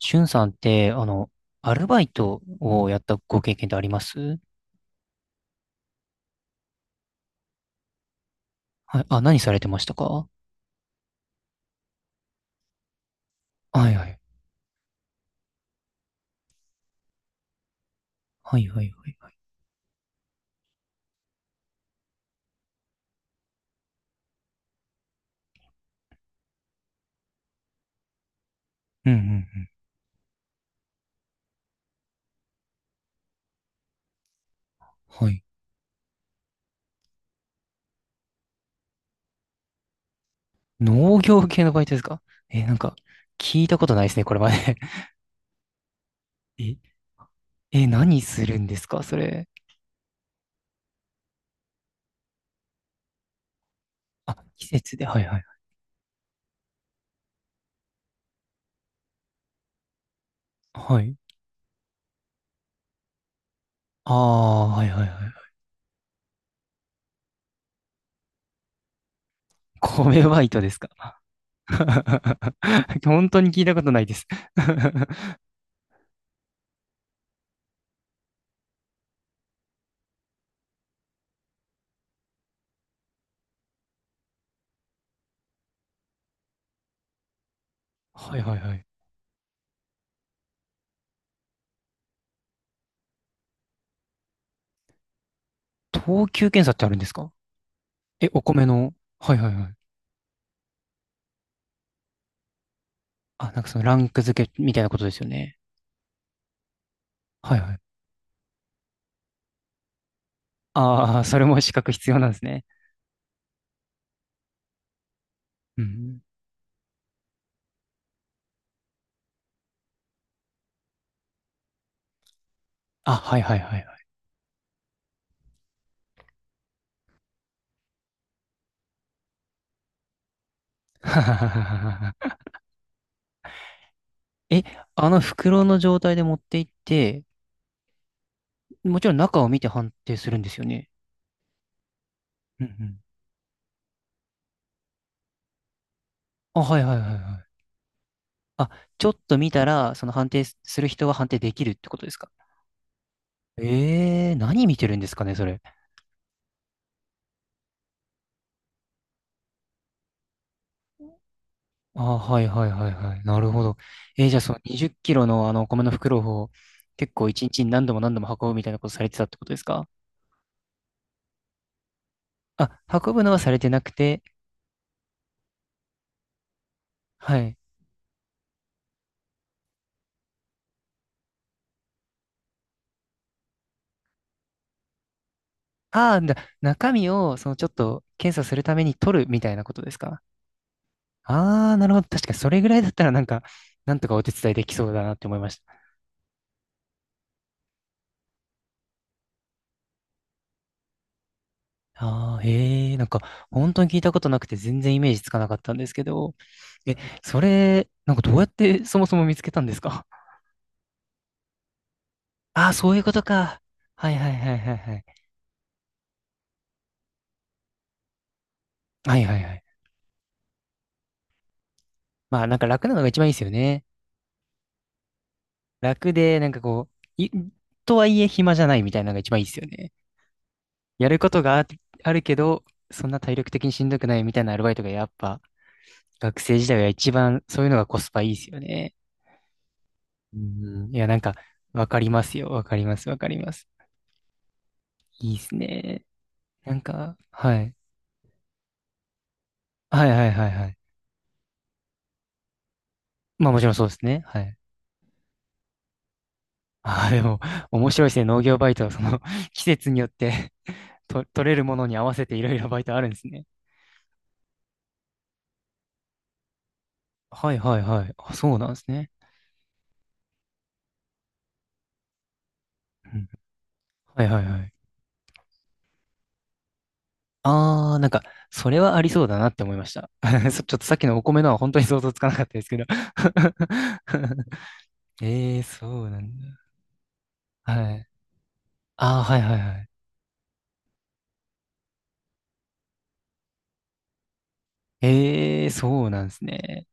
しゅんさんって、アルバイトをやったご経験ってあります？はい。あ、何されてましたか？はいはい。はいはいはい。うんうんうん。はい。農業系のバイトですか？え、なんか、聞いたことないですね、これまで。え、え、何するんですかそれ。あ、季節で。はいはい。はい。ああ、はいはいはい。米バイトですか？ 本当に聞いたことないです。 はいはいはい。等級検査ってあるんですか？え、お米の。はいはいはい。あ、なんかそのランク付けみたいなことですよね。はいはい。ああ、それも資格必要なんですね。うん。あ、はいはいはいはい。え、あの袋の状態で持って行って、もちろん中を見て判定するんですよね？うんうん。あ、はいはいはいはい。あ、ちょっと見たら、その判定する人は判定できるってことですか？えー、何見てるんですかね、それ。あ、はいはいはいはい。なるほど。えーじゃあその20キロのあのお米の袋を結構一日に何度も何度も運ぶみたいなことされてたってことですか？あ、運ぶのはされてなくて、はい。ああ、だ、中身を、そのちょっと検査するために取るみたいなことですか？ああー、なるほど。確かにそれぐらいだったらなんか、なんとかお手伝いできそうだなって思いました。ああ、ええ、なんか、本当に聞いたことなくて全然イメージつかなかったんですけど、え、それ、なんかどうやってそもそも見つけたんですか？ああー、そういうことか。はいはいはいはいはい。はいはいはい。まあなんか楽なのが一番いいですよね。楽で、なんかこう、い、とはいえ暇じゃないみたいなのが一番いいですよね。やることがあ、あるけど、そんな体力的にしんどくないみたいなアルバイトがやっぱ学生時代は一番そういうのがコスパいいですよね。うん。いや、なんか、わかりますよ。わかります。わかります。いいですね。なんか、はい。はいはいはいはい。まあもちろんそうですね。はい。ああ、でも、面白いですね。農業バイトはその 季節によって と、取れるものに合わせていろいろバイトあるんですね。はいはいはい。あ、そうなんですね。うん。はいはいはい。ああ、なんか、それはありそうだなって思いました。そちょっとさっきのお米のは本当に想像つかなかったですけど。 ええー、そうなんだ。はい。ああ、はいはいはい。ええー、そうなんですね。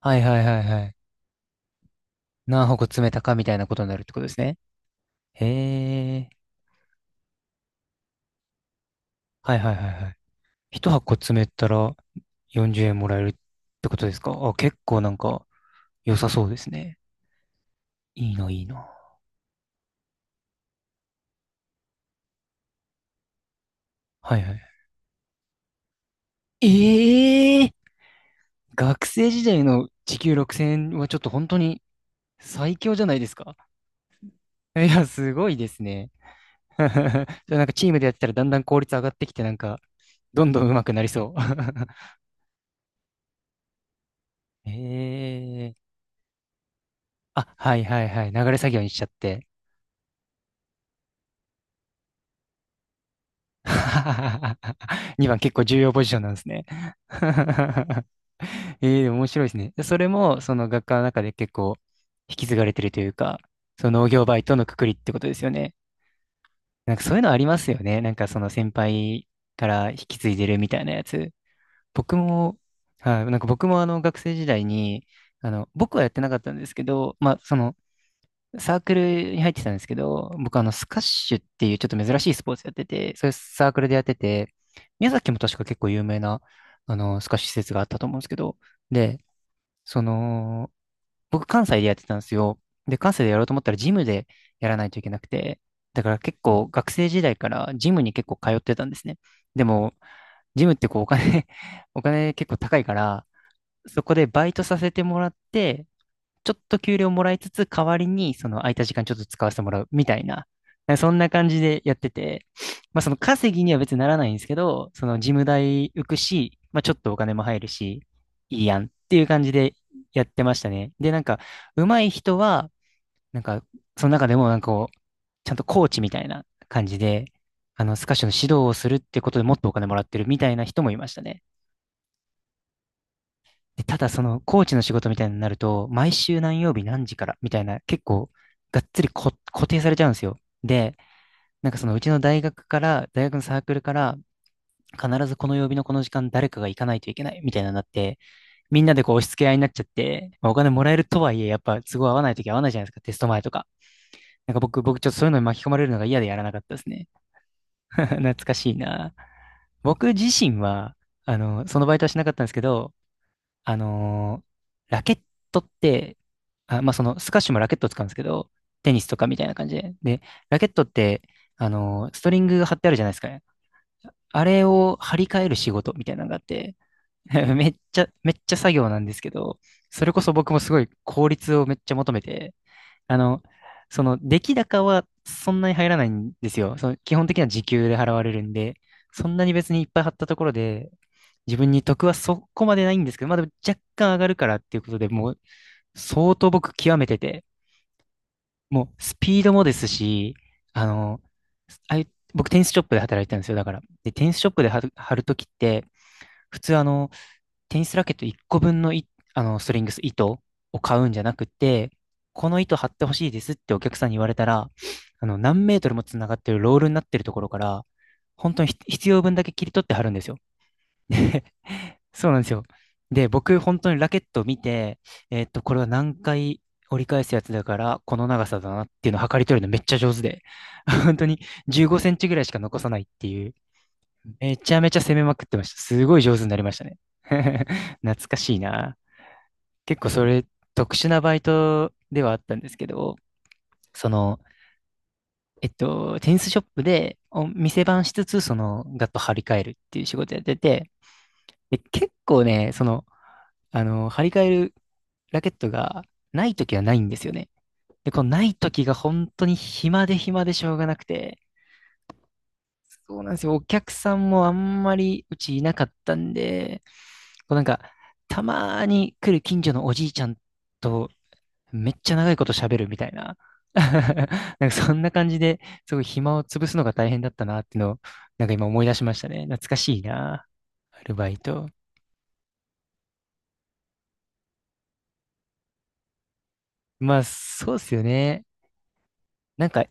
はいはいはいはい。何箱詰めたかみたいなことになるってことですね。ええー、はいはいはいはい。一箱詰めたら40円もらえるってことですか？あ、結構なんか良さそうですね。いいな、いいな。はいはい。え、学生時代の時給6000円はちょっと本当に最強じゃないですか。いや、すごいですね。じゃあなんかチームでやってたらだんだん効率上がってきて、なんか、どんどん上手くなりそう。ええ、あ、はいはいはい。流れ作業にしちゃって。2番結構重要ポジションなんですね。ええでも面白いですね。でそれも、その学科の中で結構引き継がれてるというか、その農業バイトのくくりってことですよね。なんかそういうのありますよね。なんかその先輩から引き継いでるみたいなやつ。僕も、はい、なんか僕も学生時代に、僕はやってなかったんですけど、まあそのサークルに入ってたんですけど、僕あのスカッシュっていうちょっと珍しいスポーツやってて、そういうサークルでやってて、宮崎も確か結構有名なあのスカッシュ施設があったと思うんですけど、で、その、僕関西でやってたんですよ。で、関西でやろうと思ったらジムでやらないといけなくて、だから結構学生時代からジムに結構通ってたんですね。でも、ジムってこうお金 お金結構高いから、そこでバイトさせてもらって、ちょっと給料もらいつつ、代わりにその空いた時間ちょっと使わせてもらうみたいな、そんな感じでやってて、まあその稼ぎには別にならないんですけど、その事務代浮くし、まあちょっとお金も入るし、いいやんっていう感じでやってましたね。で、なんか、上手い人は、なんか、その中でもなんかこう、ちゃんとコーチみたいな感じで、スカッシュの指導をするってことでもっとお金もらってるみたいな人もいましたね。で、ただそのコーチの仕事みたいになると、毎週何曜日何時からみたいな、結構がっつりこ固定されちゃうんですよ。で、なんかそのうちの大学から、大学のサークルから、必ずこの曜日のこの時間誰かが行かないといけないみたいなのになって、みんなでこう押し付け合いになっちゃって、まあお金もらえるとはいえ、やっぱ都合合わないとき合わないじゃないですか、テスト前とか。なんか僕、僕ちょっとそういうのに巻き込まれるのが嫌でやらなかったですね。懐かしいな。僕自身は、そのバイトはしなかったんですけど、あのーラケットって、あ、まあ、その、スカッシュもラケットを使うんですけど、テニスとかみたいな感じで。で、ラケットって、ストリングが貼ってあるじゃないですかね。あれを張り替える仕事みたいなのがあって、めっちゃ、めっちゃ作業なんですけど、それこそ僕もすごい効率をめっちゃ求めて、あの、その出来高はそんなに入らないんですよ。その基本的には時給で払われるんで、そんなに別にいっぱい貼ったところで、自分に得はそこまでないんですけど、まあでも若干上がるからっていうことでもう相当僕極めてて、もうスピードもですし、あの、ああいう僕テニスショップで働いてたんですよ、だから。で、テニスショップで貼る、貼るときって、普通テニスラケット1個分のい、ストリングス、糸を買うんじゃなくて、この糸貼ってほしいですってお客さんに言われたら、何メートルも繋がってるロールになってるところから、本当にひ必要分だけ切り取って貼るんですよ。そうなんですよ。で、僕、本当にラケットを見て、えーっと、これは何回折り返すやつだから、この長さだなっていうのを測り取るのめっちゃ上手で、本当に15センチぐらいしか残さないっていう、めちゃめちゃ攻めまくってました。すごい上手になりましたね。懐かしいな。結構それ、特殊なバイトではあったんですけど、その、えっと、テニスショップでお店番しつつ、その、ガッと張り替えるっていう仕事やってて、で、結構ね、その、張り替えるラケットがないときはないんですよね。で、このないときが本当に暇で暇でしょうがなくて、そうなんですよ。お客さんもあんまりうちいなかったんで、こうなんか、たまーに来る近所のおじいちゃんとめっちゃ長いこと喋るみたいな。なんかそんな感じで、すごい暇を潰すのが大変だったなっていうのを、なんか今思い出しましたね。懐かしいな、アルバイト。まあ、そうっすよね。なんか、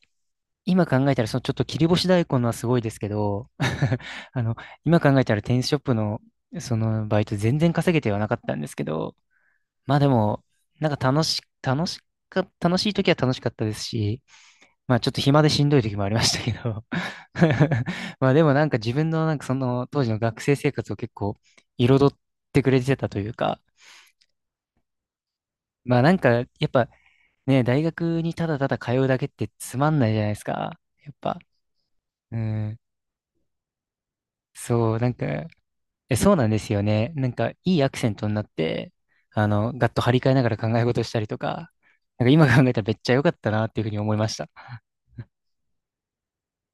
今考えたら、そのちょっと切り干し大根のはすごいですけど、あの、今考えたらテニスショップの、そのバイト全然稼げてはなかったんですけど、まあでも、なんか楽し、楽しか、楽しい時は楽しかったですし、まあちょっと暇でしんどい時もありましたけど、まあでもなんか自分のなんかその当時の学生生活を結構彩ってくれてたというか、まあなんかやっぱね、大学にただただ通うだけってつまんないじゃないですか。やっぱ。うん。そう、なんか、え、そうなんですよね。なんか、いいアクセントになって、ガッと張り替えながら考え事したりとか、なんか今考えたらめっちゃ良かったなっていうふうに思いました。